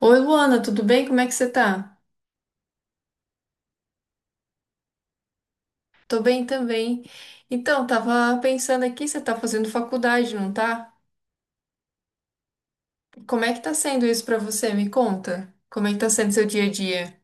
Oi, Luana, tudo bem? Como é que você tá? Tô bem também. Então, tava pensando aqui, você tá fazendo faculdade, não tá? Como é que tá sendo isso pra você? Me conta. Como é que tá sendo seu dia a dia?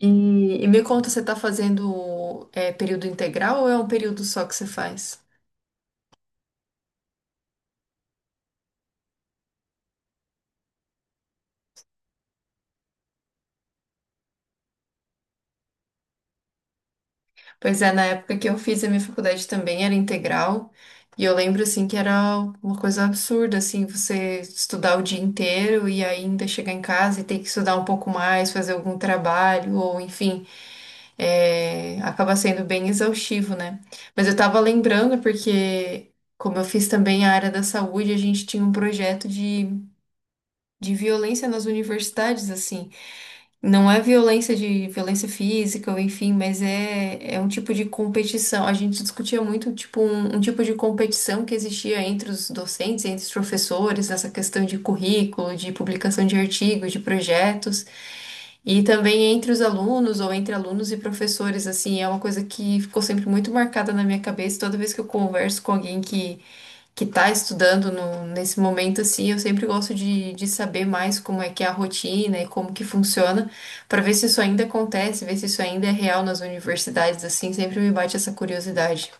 E, e me conta, você tá fazendo período integral ou é um período só que você faz? Pois é, na época que eu fiz a minha faculdade também era integral. E eu lembro, assim, que era uma coisa absurda, assim, você estudar o dia inteiro e ainda chegar em casa e ter que estudar um pouco mais, fazer algum trabalho, ou enfim. Acaba sendo bem exaustivo, né? Mas eu tava lembrando porque, como eu fiz também a área da saúde, a gente tinha um projeto de violência nas universidades, assim. Não é violência de violência física ou enfim, mas é um tipo de competição. A gente discutia muito tipo um tipo de competição que existia entre os docentes, entre os professores, nessa questão de currículo, de publicação de artigos, de projetos, e também entre os alunos ou entre alunos e professores, assim, é uma coisa que ficou sempre muito marcada na minha cabeça. Toda vez que eu converso com alguém que está estudando nesse momento, assim, eu sempre gosto de saber mais como é que é a rotina e como que funciona, para ver se isso ainda acontece, ver se isso ainda é real nas universidades, assim, sempre me bate essa curiosidade.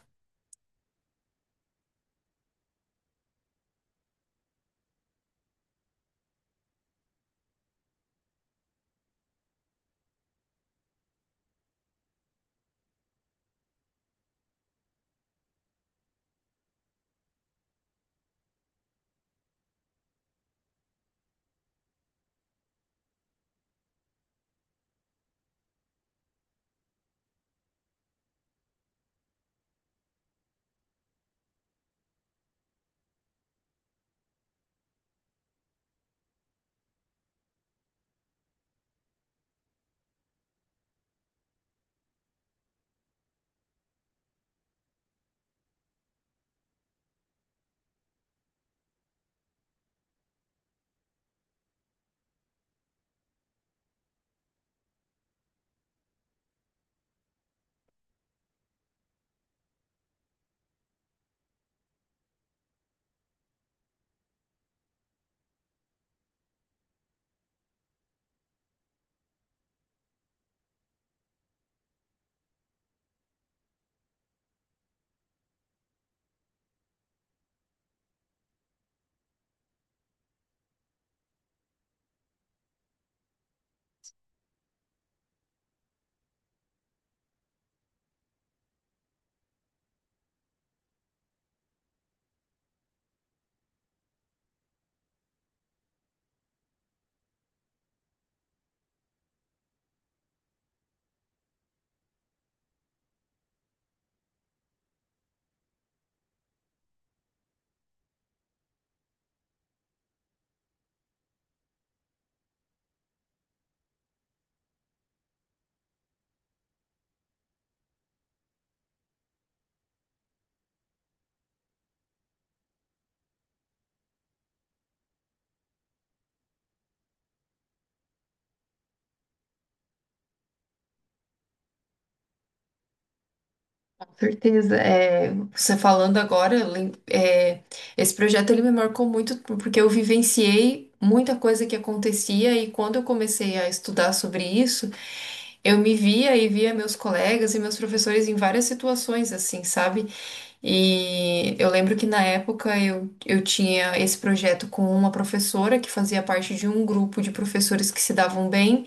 Com certeza. É, você falando agora, esse projeto ele me marcou muito porque eu vivenciei muita coisa que acontecia e quando eu comecei a estudar sobre isso, eu me via e via meus colegas e meus professores em várias situações, assim, sabe? E eu lembro que na época eu tinha esse projeto com uma professora que fazia parte de um grupo de professores que se davam bem,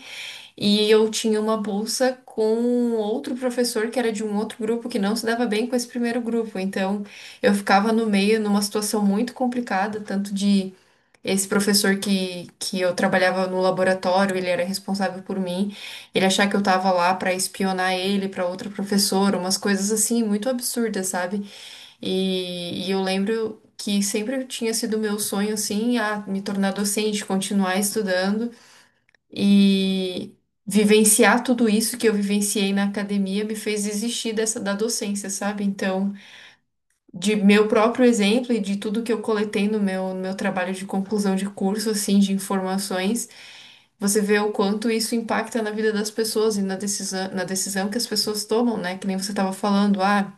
e eu tinha uma bolsa com outro professor que era de um outro grupo que não se dava bem com esse primeiro grupo. Então eu ficava no meio numa situação muito complicada, tanto de esse professor que eu trabalhava no laboratório, ele era responsável por mim, ele achar que eu tava lá pra espionar ele, pra outra professora, umas coisas assim muito absurdas, sabe? E eu lembro que sempre tinha sido meu sonho, assim, a me tornar docente, continuar estudando e vivenciar tudo isso que eu vivenciei na academia me fez desistir dessa da docência, sabe? Então, de meu próprio exemplo e de tudo que eu coletei no meu trabalho de conclusão de curso, assim, de informações, você vê o quanto isso impacta na vida das pessoas e na decisão que as pessoas tomam, né? Que nem você estava falando, ah.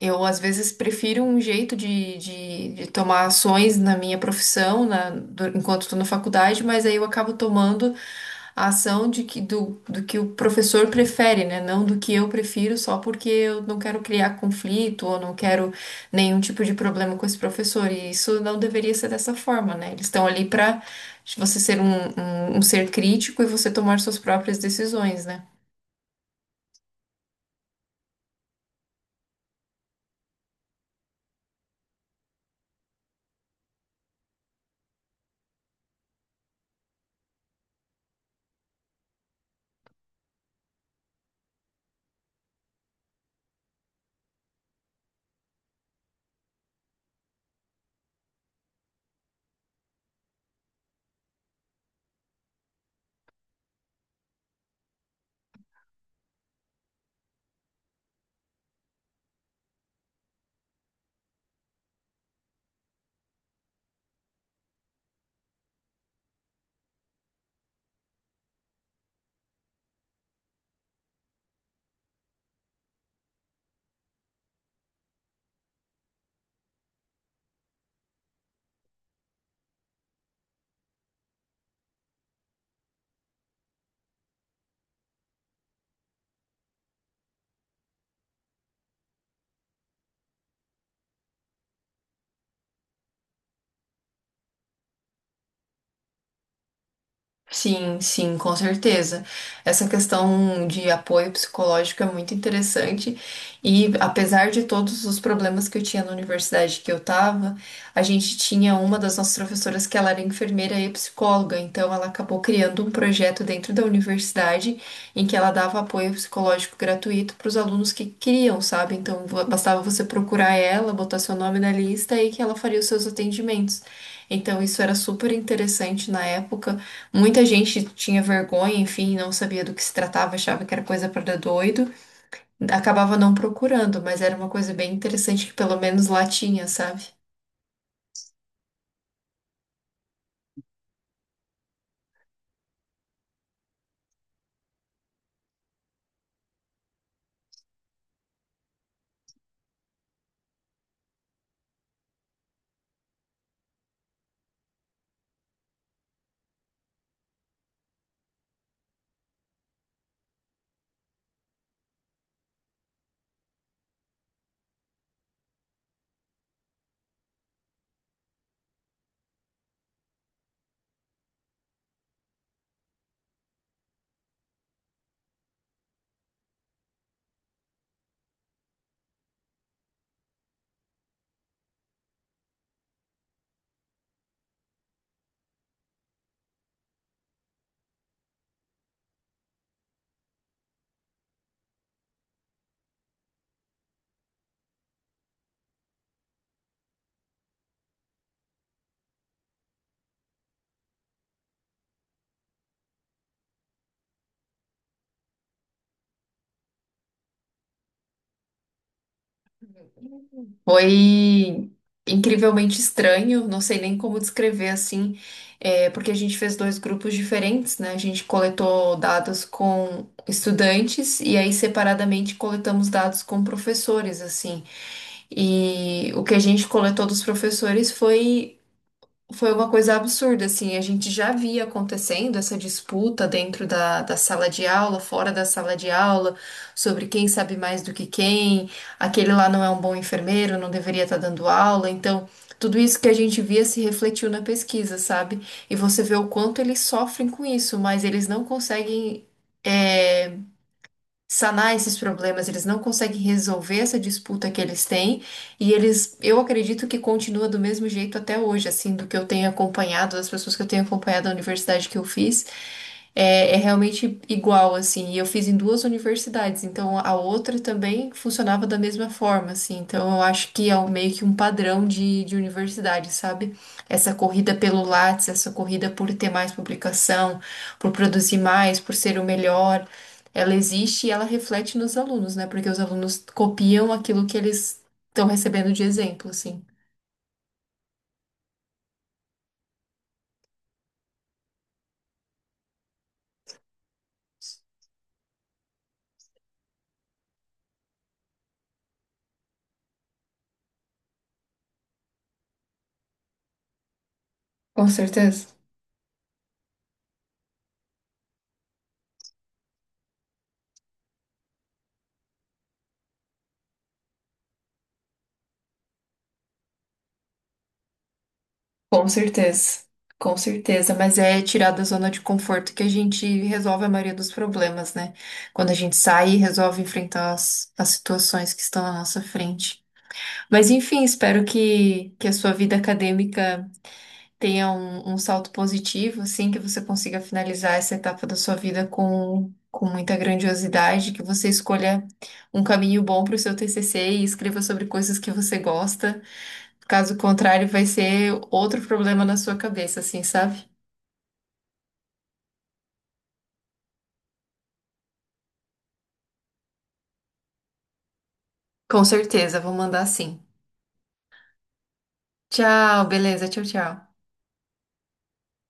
Eu, às vezes, prefiro um jeito de tomar ações na minha profissão, enquanto estou na faculdade, mas aí eu acabo tomando a ação do que o professor prefere, né? Não do que eu prefiro, só porque eu não quero criar conflito ou não quero nenhum tipo de problema com esse professor. E isso não deveria ser dessa forma, né? Eles estão ali para você ser um ser crítico e você tomar suas próprias decisões, né? Sim, sim, com certeza. Essa questão de apoio psicológico é muito interessante e, apesar de todos os problemas que eu tinha na universidade que eu estava, a gente tinha uma das nossas professoras que ela era enfermeira e psicóloga, então ela acabou criando um projeto dentro da universidade em que ela dava apoio psicológico gratuito para os alunos que queriam, sabe? Então Bastava você procurar ela, botar seu nome na lista, e que ela faria os seus atendimentos. Então isso era super interessante na época. Muita gente tinha vergonha, enfim, não sabia do que se tratava, achava que era coisa para doido, acabava não procurando, mas era uma coisa bem interessante que pelo menos lá tinha, sabe? Foi incrivelmente estranho, não sei nem como descrever, assim, porque a gente fez dois grupos diferentes, né? A gente coletou dados com estudantes e aí separadamente coletamos dados com professores, assim. E o que a gente coletou dos professores foi uma coisa absurda, assim. A gente já via acontecendo essa disputa dentro da sala de aula, fora da sala de aula, sobre quem sabe mais do que quem, aquele lá não é um bom enfermeiro, não deveria estar dando aula. Então, tudo isso que a gente via se refletiu na pesquisa, sabe? E você vê o quanto eles sofrem com isso, mas eles não conseguem é, sanar esses problemas, eles não conseguem resolver essa disputa que eles têm, e eles, eu acredito que continua do mesmo jeito até hoje, assim, do que eu tenho acompanhado, das pessoas que eu tenho acompanhado da universidade que eu fiz. É realmente igual, assim, e eu fiz em duas universidades, então a outra também funcionava da mesma forma, assim, então eu acho que é meio que um padrão de universidade, sabe? Essa corrida pelo Lattes, essa corrida por ter mais publicação, por produzir mais, por ser o melhor, ela existe e ela reflete nos alunos, né? Porque os alunos copiam aquilo que eles estão recebendo de exemplo, assim. Com certeza. Com certeza, com certeza, mas é tirar da zona de conforto que a gente resolve a maioria dos problemas, né? Quando a gente sai e resolve enfrentar as situações que estão à nossa frente. Mas enfim, espero que a sua vida acadêmica tenha um salto positivo, assim, que você consiga finalizar essa etapa da sua vida com muita grandiosidade, que você escolha um caminho bom para o seu TCC e escreva sobre coisas que você gosta. Caso contrário, vai ser outro problema na sua cabeça, assim, sabe? Com certeza, vou mandar sim. Tchau, beleza, tchau, tchau.